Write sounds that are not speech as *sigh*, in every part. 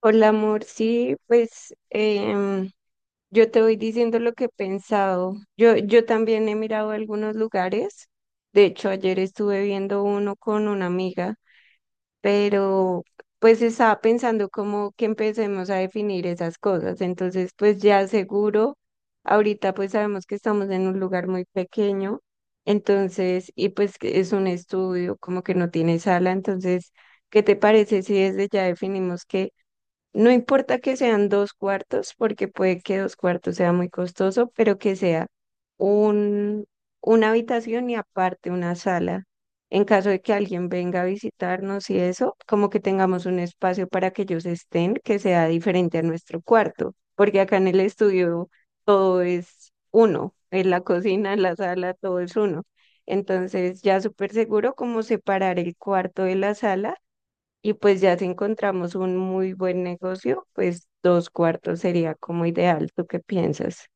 Hola, amor. Sí, pues yo te voy diciendo lo que he pensado. Yo también he mirado algunos lugares. De hecho, ayer estuve viendo uno con una amiga, pero pues estaba pensando como que empecemos a definir esas cosas. Entonces, pues ya seguro, ahorita pues sabemos que estamos en un lugar muy pequeño. Entonces, y pues que es un estudio, como que no tiene sala. Entonces, ¿qué te parece si desde ya definimos que... No importa que sean dos cuartos, porque puede que dos cuartos sea muy costoso, pero que sea un, una habitación y aparte una sala. En caso de que alguien venga a visitarnos y eso, como que tengamos un espacio para que ellos estén, que sea diferente a nuestro cuarto, porque acá en el estudio todo es uno, en la cocina, en la sala, todo es uno. Entonces ya súper seguro como separar el cuarto de la sala y pues ya si encontramos un muy buen negocio, pues dos cuartos sería como ideal. ¿Tú qué piensas?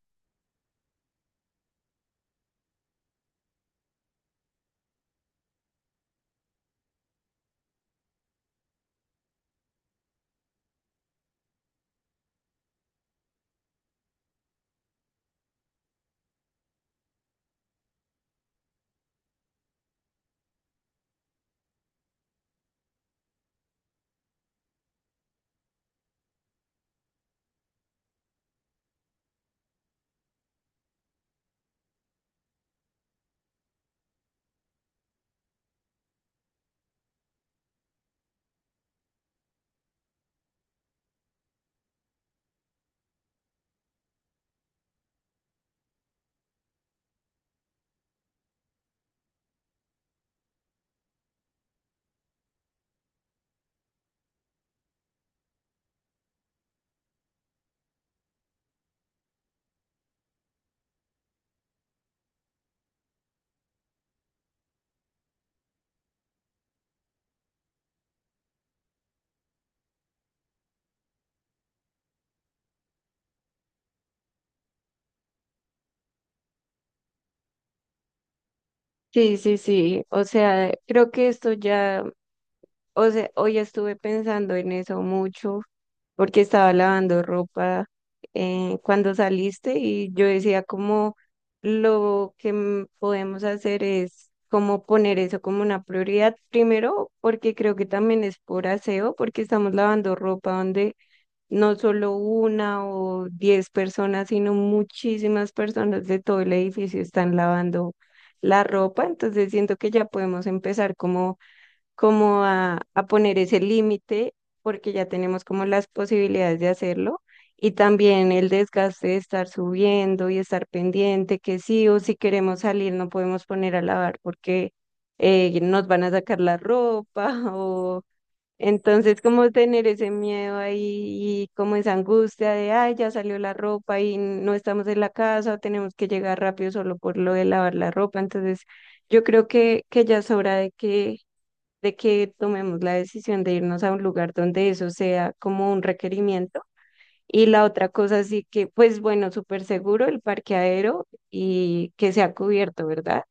Sí, sí, sí. O sea, creo que esto ya, o sea, hoy estuve pensando en eso mucho porque estaba lavando ropa cuando saliste y yo decía como lo que podemos hacer es como poner eso como una prioridad primero, porque creo que también es por aseo, porque estamos lavando ropa donde no solo una o diez personas, sino muchísimas personas de todo el edificio están lavando la ropa. Entonces siento que ya podemos empezar como, como a poner ese límite, porque ya tenemos como las posibilidades de hacerlo y también el desgaste de estar subiendo y estar pendiente que sí o si queremos salir no podemos poner a lavar porque nos van a sacar la ropa *laughs* o entonces, como tener ese miedo ahí y como esa angustia de, ay, ya salió la ropa y no estamos en la casa, tenemos que llegar rápido solo por lo de lavar la ropa. Entonces, yo creo que ya es hora de que tomemos la decisión de irnos a un lugar donde eso sea como un requerimiento. Y la otra cosa sí que, pues bueno, súper seguro el parqueadero y que sea cubierto, ¿verdad?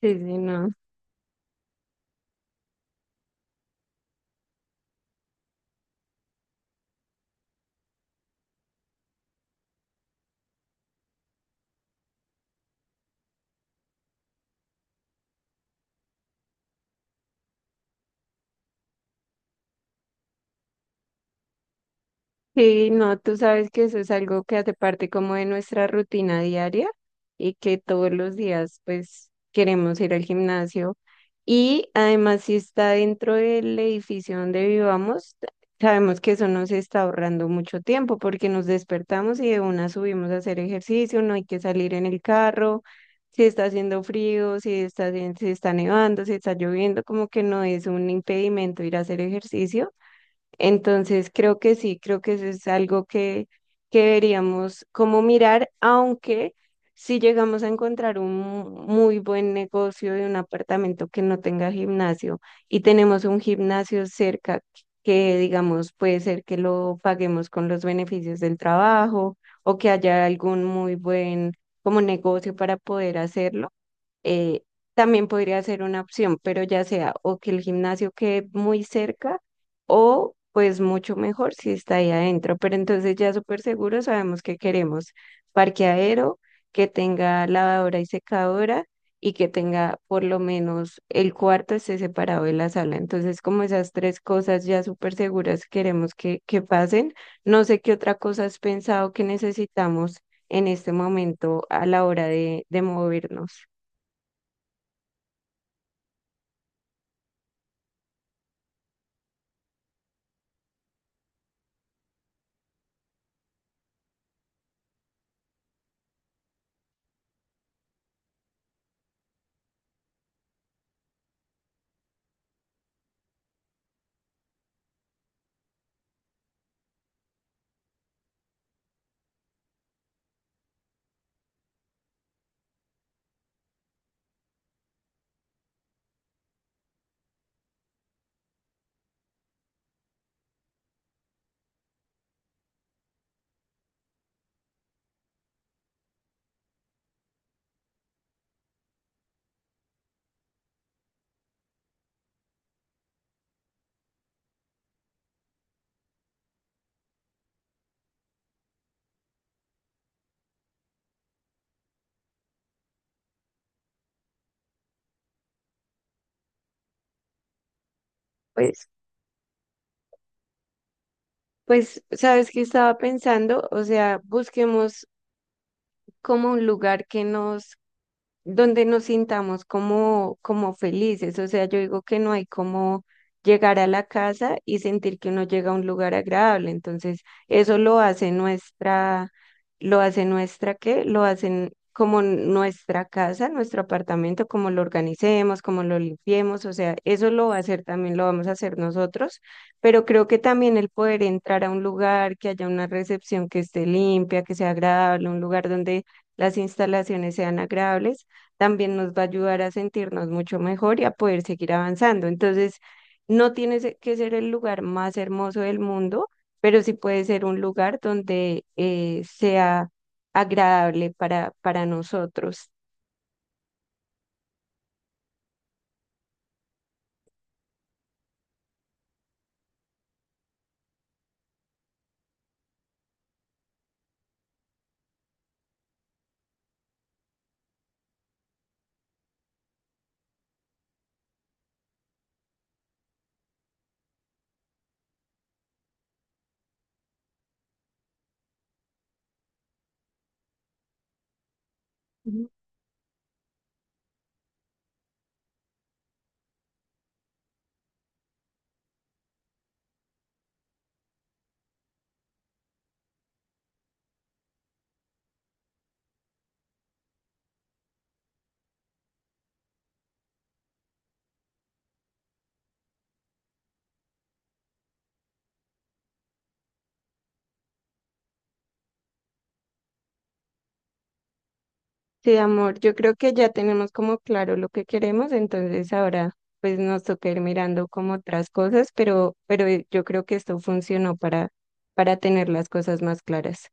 Sí, sí, no. Sí, no, tú sabes que eso es algo que hace parte como de nuestra rutina diaria y que todos los días pues queremos ir al gimnasio, y además si está dentro del edificio donde vivamos, sabemos que eso nos está ahorrando mucho tiempo porque nos despertamos y de una subimos a hacer ejercicio, no hay que salir en el carro, si está haciendo frío, si está, si está nevando, si está lloviendo, como que no es un impedimento ir a hacer ejercicio. Entonces, creo que sí, creo que eso es algo que deberíamos como mirar, aunque si llegamos a encontrar un muy buen negocio de un apartamento que no tenga gimnasio y tenemos un gimnasio cerca que, digamos, puede ser que lo paguemos con los beneficios del trabajo o que haya algún muy buen como negocio para poder hacerlo, eh, también podría ser una opción, pero ya sea o que el gimnasio quede muy cerca o pues mucho mejor si está ahí adentro. Pero entonces ya súper seguro sabemos que queremos parqueadero, que tenga lavadora y secadora y que tenga por lo menos el cuarto esté separado de la sala. Entonces como esas tres cosas ya súper seguras queremos que pasen. No sé qué otra cosa has pensado que necesitamos en este momento a la hora de movernos. Pues, pues, ¿sabes qué estaba pensando? O sea, busquemos como un lugar que nos donde nos sintamos como, como felices. O sea, yo digo que no hay como llegar a la casa y sentir que uno llega a un lugar agradable. Entonces, eso lo hace nuestra, ¿qué? Lo hacen como nuestra casa, nuestro apartamento, como lo organicemos, como lo limpiemos. O sea, eso lo va a hacer también, lo vamos a hacer nosotros. Pero creo que también el poder entrar a un lugar, que haya una recepción que esté limpia, que sea agradable, un lugar donde las instalaciones sean agradables también nos va a ayudar a sentirnos mucho mejor y a poder seguir avanzando. Entonces, no tiene se- que ser el lugar más hermoso del mundo, pero sí puede ser un lugar donde sea agradable para nosotros. Ujú. Sí, amor, yo creo que ya tenemos como claro lo que queremos, entonces ahora pues nos toca ir mirando como otras cosas, pero, pero, yo creo que esto funcionó para tener las cosas más claras.